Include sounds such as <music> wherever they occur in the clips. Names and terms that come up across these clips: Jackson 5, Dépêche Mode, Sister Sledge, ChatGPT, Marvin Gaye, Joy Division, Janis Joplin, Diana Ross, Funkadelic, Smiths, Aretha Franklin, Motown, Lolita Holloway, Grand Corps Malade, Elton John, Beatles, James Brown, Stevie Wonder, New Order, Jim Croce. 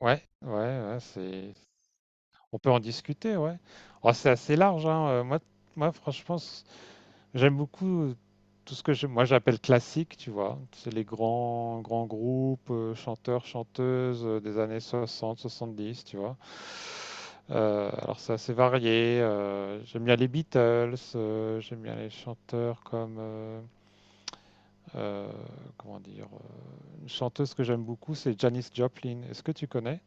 Ouais, ouais, ouais, c'est. On peut en discuter, ouais. Oh, c'est assez large, hein. Moi, franchement, j'aime beaucoup tout ce que je, moi j'appelle classique, tu vois. C'est les grands, grands groupes, chanteurs, chanteuses des années soixante, soixante-dix, tu vois. Alors c'est assez varié. J'aime bien les Beatles, j'aime bien les chanteurs comme euh, comment dire, une chanteuse que j'aime beaucoup, c'est Janis Joplin. Est-ce que tu connais?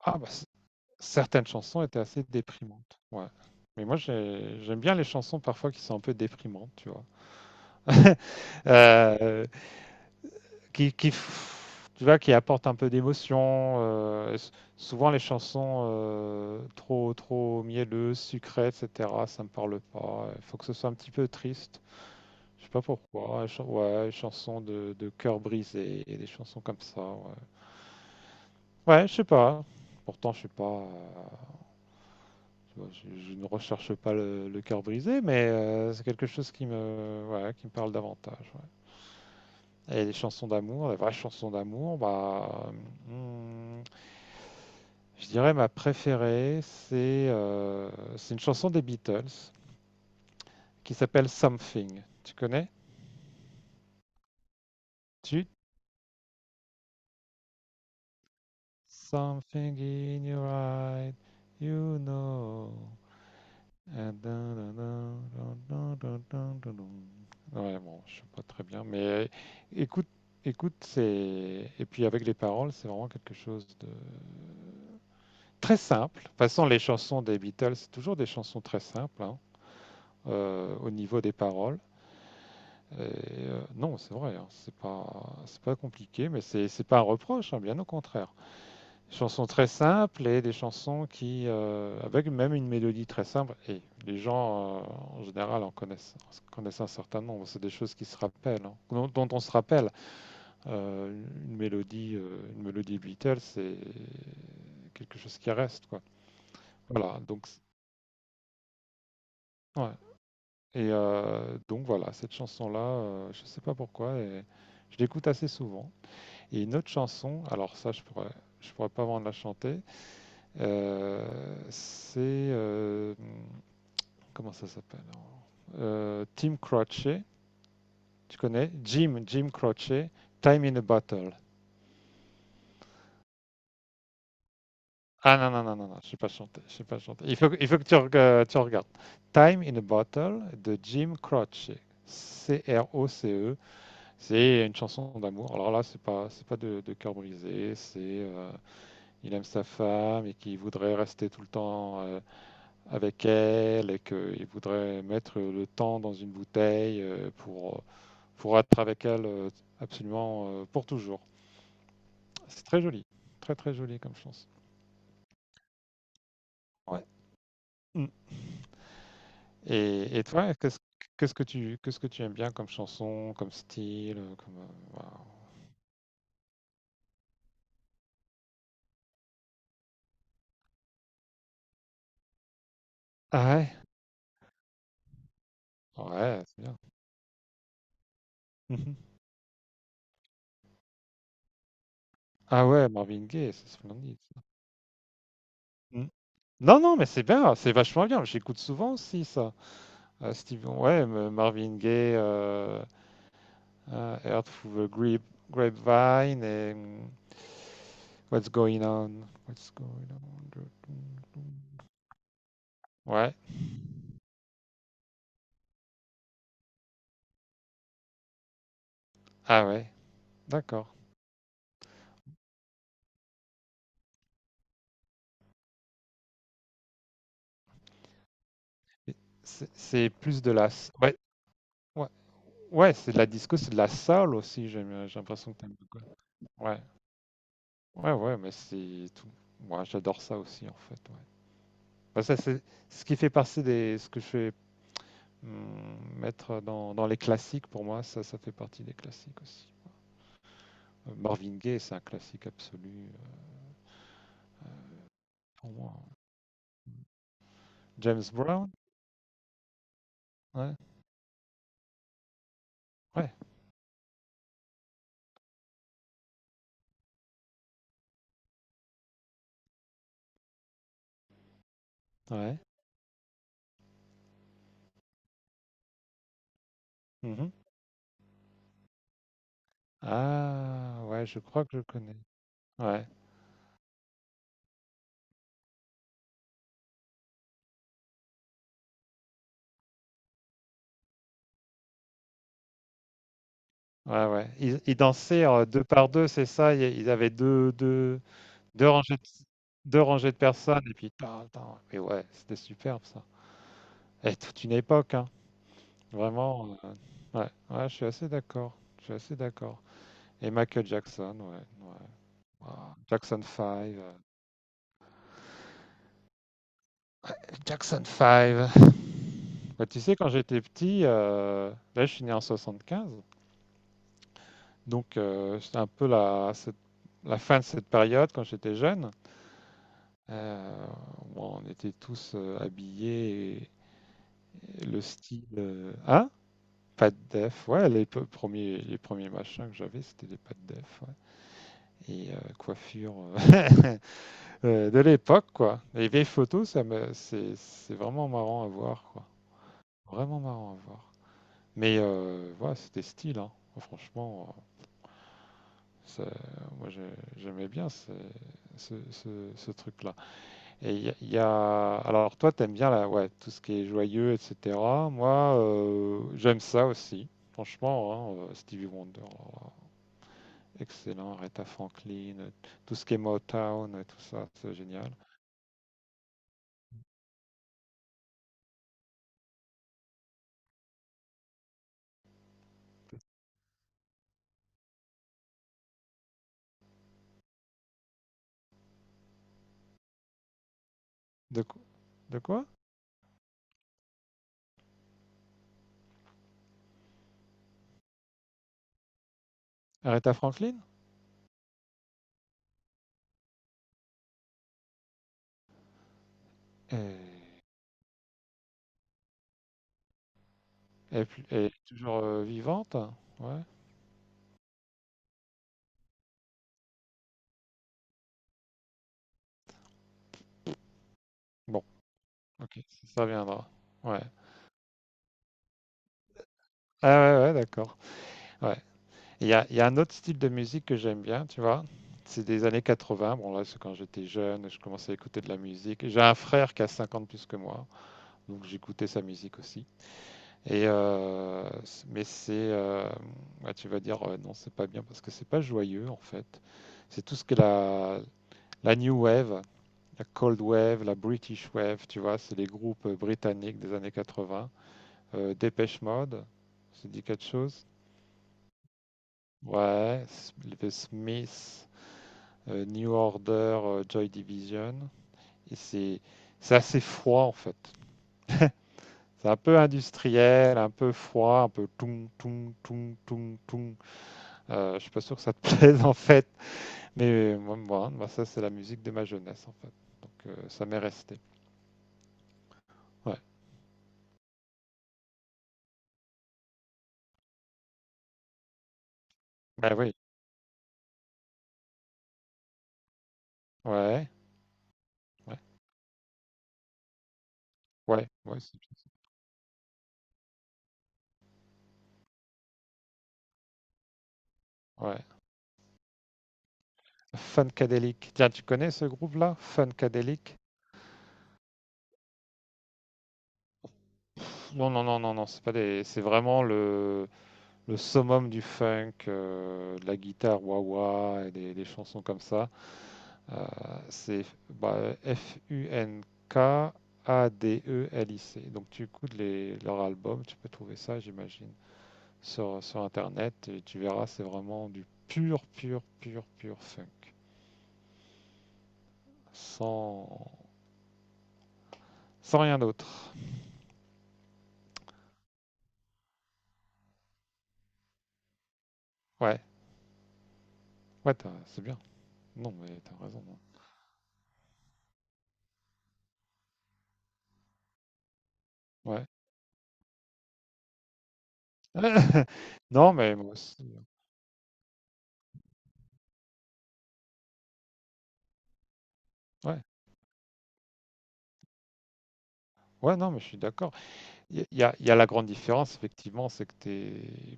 Ah, bah certaines chansons étaient assez déprimantes, ouais. Mais moi, j'aime bien les chansons parfois qui sont un peu déprimantes, tu vois? <laughs> Heu, qui f tu vois, qui apportent un peu d'émotion. S Souvent les chansons, trop trop mielleuses, sucrées, et cetera, ça me parle pas. Il faut que ce soit un petit peu triste. Je sais pas pourquoi, les chan ouais, les chansons de cœur brisé, et des chansons comme ça, ouais. Ouais, je sais pas. Pourtant, je suis pas, bon, je ne recherche pas le cœur brisé, mais c'est quelque chose qui me, voilà, qui me parle davantage. Ouais. Et les chansons d'amour, les vraies chansons d'amour, bah, hmm, je dirais ma préférée, c'est une chanson des Beatles qui s'appelle Something. Tu connais? Tu? Something in your eyes, you know. Dun, dun, dun, dun, dun, dun, dun, dun. Ouais, bon, je sais pas très bien, mais écoute, écoute, c'est et puis avec les paroles, c'est vraiment quelque chose de très simple. De toute façon, les chansons des Beatles, c'est toujours des chansons très simples, hein, au niveau des paroles. Et, non, c'est vrai, hein, c'est pas compliqué, mais c'est pas un reproche, hein, bien au contraire. Des chansons très simples et des chansons qui, avec même une mélodie très simple, et les gens en général en connaissent, un certain nombre. C'est des choses qui se rappellent, hein, dont on se rappelle. Une mélodie Beatles, c'est quelque chose qui reste, quoi. Voilà. Donc, ouais. Et donc voilà, cette chanson-là, je sais pas pourquoi, et je l'écoute assez souvent. Et une autre chanson, alors ça, je pourrais pas vraiment la chanter. C'est Comment ça s'appelle? Euh, Tim Croce, Tu connais Jim Croce, Time in a Bottle. Ah non non non non non, je sais pas chanter, je sais pas chanter. Il faut que tu regardes Time in a Bottle de Jim Croce. C R O C E, c'est une chanson d'amour. Alors là, c'est pas de cœur brisé, c'est il aime sa femme et qu'il voudrait rester tout le temps avec elle, et qu'il voudrait mettre le temps dans une bouteille pour être avec elle absolument, pour toujours. C'est très joli, très très joli comme chanson. Ouais. Mm. Et toi, qu'est-ce que tu aimes bien comme chanson, comme style, comme voilà. Ah ouais? Ouais, c'est bien. Mhm. Ah ouais, Marvin Gaye, c'est splendide, ça. Mm. Non, non, mais c'est bien, c'est vachement bien. J'écoute souvent aussi ça. Ouais, Marvin Gaye, Earth Through the Grapevine et What's Going On. What's Going On. Ouais, ah ouais, d'accord. C'est plus de la. Ouais, ouais, ouais, c'est de la disco, c'est de la soul aussi, j'ai l'impression que t'aimes beaucoup. Ouais, ouais, ouais, mais c'est tout. Moi, j'adore ça aussi, en fait. Ouais. Bah, ça, c'est ce qui fait partie des. Ce que je fais, mettre dans, les classiques, pour moi, ça fait partie des classiques aussi. Marvin Gaye, c'est un classique absolu. Pour moi. James Brown? Ouais. Ouais. Ouais. Mhm. Ah, ouais, je crois que je connais. Ouais. Ouais, ouais. Ils dansaient, deux par deux, c'est ça? Ils avaient deux, deux, deux rangées de, deux rangées de personnes, et puis tarn, tarn. Mais ouais, c'était superbe, ça. Et toute une époque, hein. Vraiment. Ouais. Ouais, je suis assez d'accord. Je suis assez d'accord. Et Michael Jackson, ouais. Ouais. Wow. Jackson 5. Jackson 5. Bah, tu sais, quand j'étais petit, là, je suis né en 75, donc c'était un peu la fin de cette période quand j'étais jeune. Euh, bon, on était tous habillés, et le style, hein? Pas de def, ouais, les premiers machins que j'avais, c'était des pas de def, ouais. Et coiffure <laughs> de l'époque, quoi. Les vieilles photos, c'est vraiment marrant à voir, quoi. Vraiment marrant à voir. Mais voilà, c'était style, hein. Franchement, C'est- moi, j'aimais bien ce, ce, ce, ce truc-là. Alors, toi, t'aimes bien ouais, tout ce qui est joyeux, etc. Moi, j'aime ça aussi. Franchement, hein, Stevie Wonder, alors, excellent. Aretha Franklin, tout ce qui est Motown, tout ça, c'est génial. De, qu- de quoi? Aretha Franklin? Elle elle est toujours vivante? Ouais. Bon, ok, ça viendra. Ouais. Ah ouais, ouais, d'accord. Ouais. Il y a un autre style de musique que j'aime bien, tu vois. C'est des années 80. Bon, là, c'est quand j'étais jeune, je commençais à écouter de la musique. J'ai un frère qui a 50 plus que moi, donc j'écoutais sa musique aussi. Et mais ouais, tu vas dire, non, c'est pas bien parce que c'est pas joyeux en fait. C'est tout ce que la New Wave, la Cold Wave, la British Wave, tu vois, c'est les groupes britanniques des années 80. Dépêche Mode, ça dit quelque chose? Ouais, les Smiths, New Order, Joy Division. Et c'est assez froid en fait. C'est un peu industriel, un peu froid, un peu toum, toum, toum, toum, toum. Je ne suis pas sûr que ça te <laughs> plaise en fait, mais moi, moi, hein, moi, ça, c'est la musique de ma jeunesse en fait. Donc ça m'est resté. Ouais. Bah oui. Ouais. Ouais. Ouais. Ouais. Ouais. Funkadelic. Tiens, tu connais ce groupe-là? Funkadelic? Non, non, non, non, non. C'est pas des. C'est vraiment le summum du funk, de la guitare wah-wah et des chansons comme ça. Euh, c'est, bah, Funkadelic. Donc tu écoutes leur album, tu peux trouver ça, j'imagine, sur Internet, et tu verras, c'est vraiment du pur, pur, pur, pur funk. Sans, sans rien d'autre. Ouais, c'est bien. Non, mais t'as raison, hein. Ouais. <laughs> Non, mais moi aussi, hein. Ouais, ouais, non, mais je suis d'accord. Il y a la grande différence, effectivement, c'est que t'es,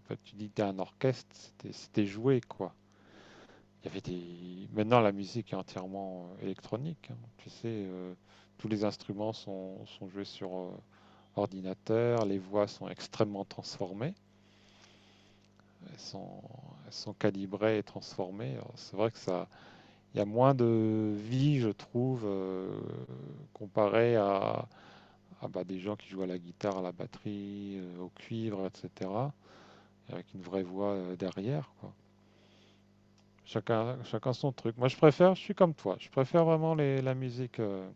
bah, tu dis que t'es un orchestre, c'était joué, quoi. Il y avait des... Maintenant, la musique est entièrement électronique, hein. Tu sais, tous les instruments sont joués sur ordinateur, les voix sont extrêmement transformées, elles sont, elles sont calibrées et transformées. Alors, c'est vrai que ça, il y a moins de vie, je trouve, comparé à, bah, des gens qui jouent à la guitare, à la batterie, au cuivre, etc., avec une vraie voix derrière, quoi. Chacun son truc. Moi, je préfère, je suis comme toi, je préfère vraiment la musique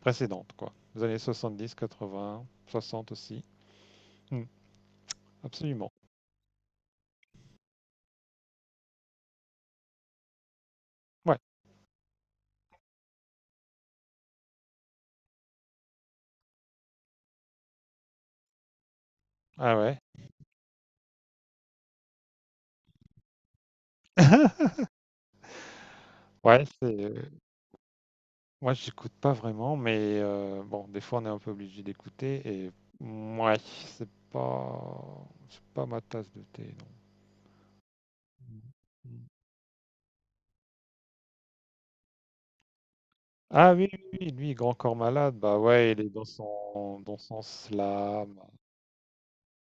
précédente, quoi. Les années 70, 80, 60 aussi. Hmm, Absolument. Ouais. Ah ouais. <laughs> Ouais, c'est... euh, Moi, j'écoute pas vraiment, mais bon, des fois, on est un peu obligé d'écouter Ouais, c'est pas ma tasse de thé, non. Mm. Ah oui, oui, oui, lui, Grand Corps Malade, bah ouais, il est dans dans son slam.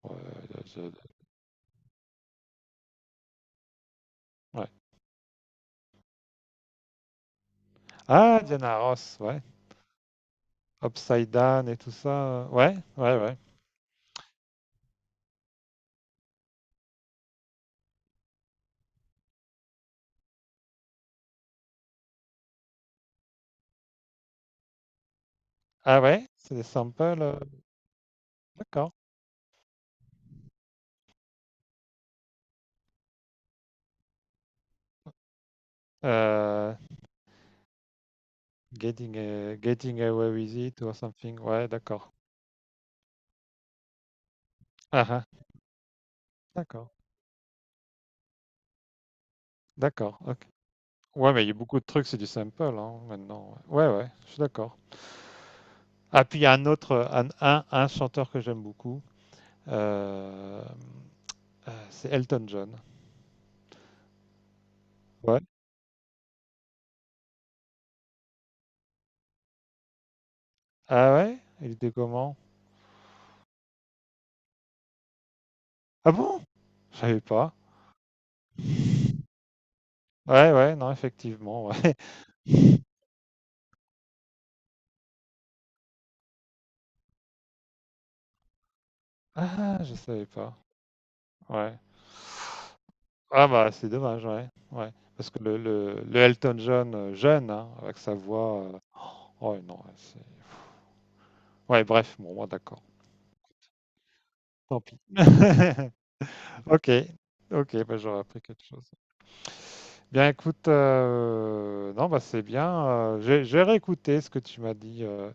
Ouais, de- de- ouais. Ah, Diana Ross, ouais. Upside Down et tout ça. Ouais, ouais, ouais. Ah ouais, c'est des samples. D'accord. Euh, getting Away with It or something. Ouais, d'accord. Ah, ah, d'accord. D'accord, ok. Ouais, mais il y a beaucoup de trucs, c'est du sample, hein, maintenant. Ouais, ouais, je suis d'accord. Ah, puis il y a un autre, un chanteur que j'aime beaucoup. euh, c'est Elton John. Ouais. Ah ouais? Il était comment? Ah bon? Je savais pas. Ouais, ouais, non, effectivement, ouais. <laughs> Ah, je savais pas. Ouais. Ah bah, c'est dommage, ouais. Ouais. Parce que le Elton John jeune, hein, avec sa voix. Oh non, ouais, c'est. Ouais, bref, bon, moi d'accord. Tant pis. <laughs> Ok. Ok, bah, j'aurais appris quelque chose. Bien, écoute, non, bah c'est bien. J'ai réécouté ce que tu m'as dit. euh,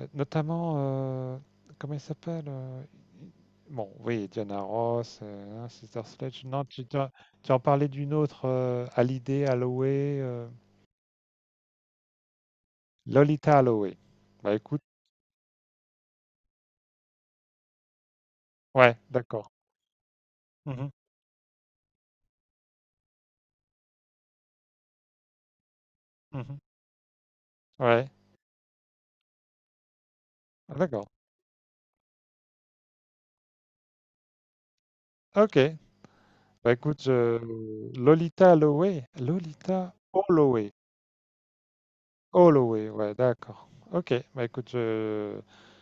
Heu, Notamment, comment il s'appelle? Bon, oui, Diana Ross, hein, Sister Sledge. Non, tu en parlais d'une autre, Hallyday, Holloway, Lolita Holloway. Bah, écoute, ouais, d'accord. Mmh mh. Mmh. Ouais. Ah, d'accord. OK. Bah, écoute, je Lolita Holloway? Lolita Holloway. Holloway, ouais, d'accord. OK. Bah, écoute, je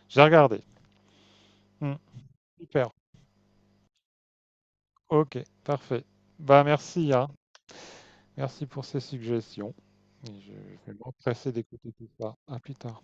je vais regarder. Mmh. Super. OK, parfait. Bah, merci, hein. Merci pour ces suggestions. Et je vais m'empresser d'écouter tout ça. À plus tard.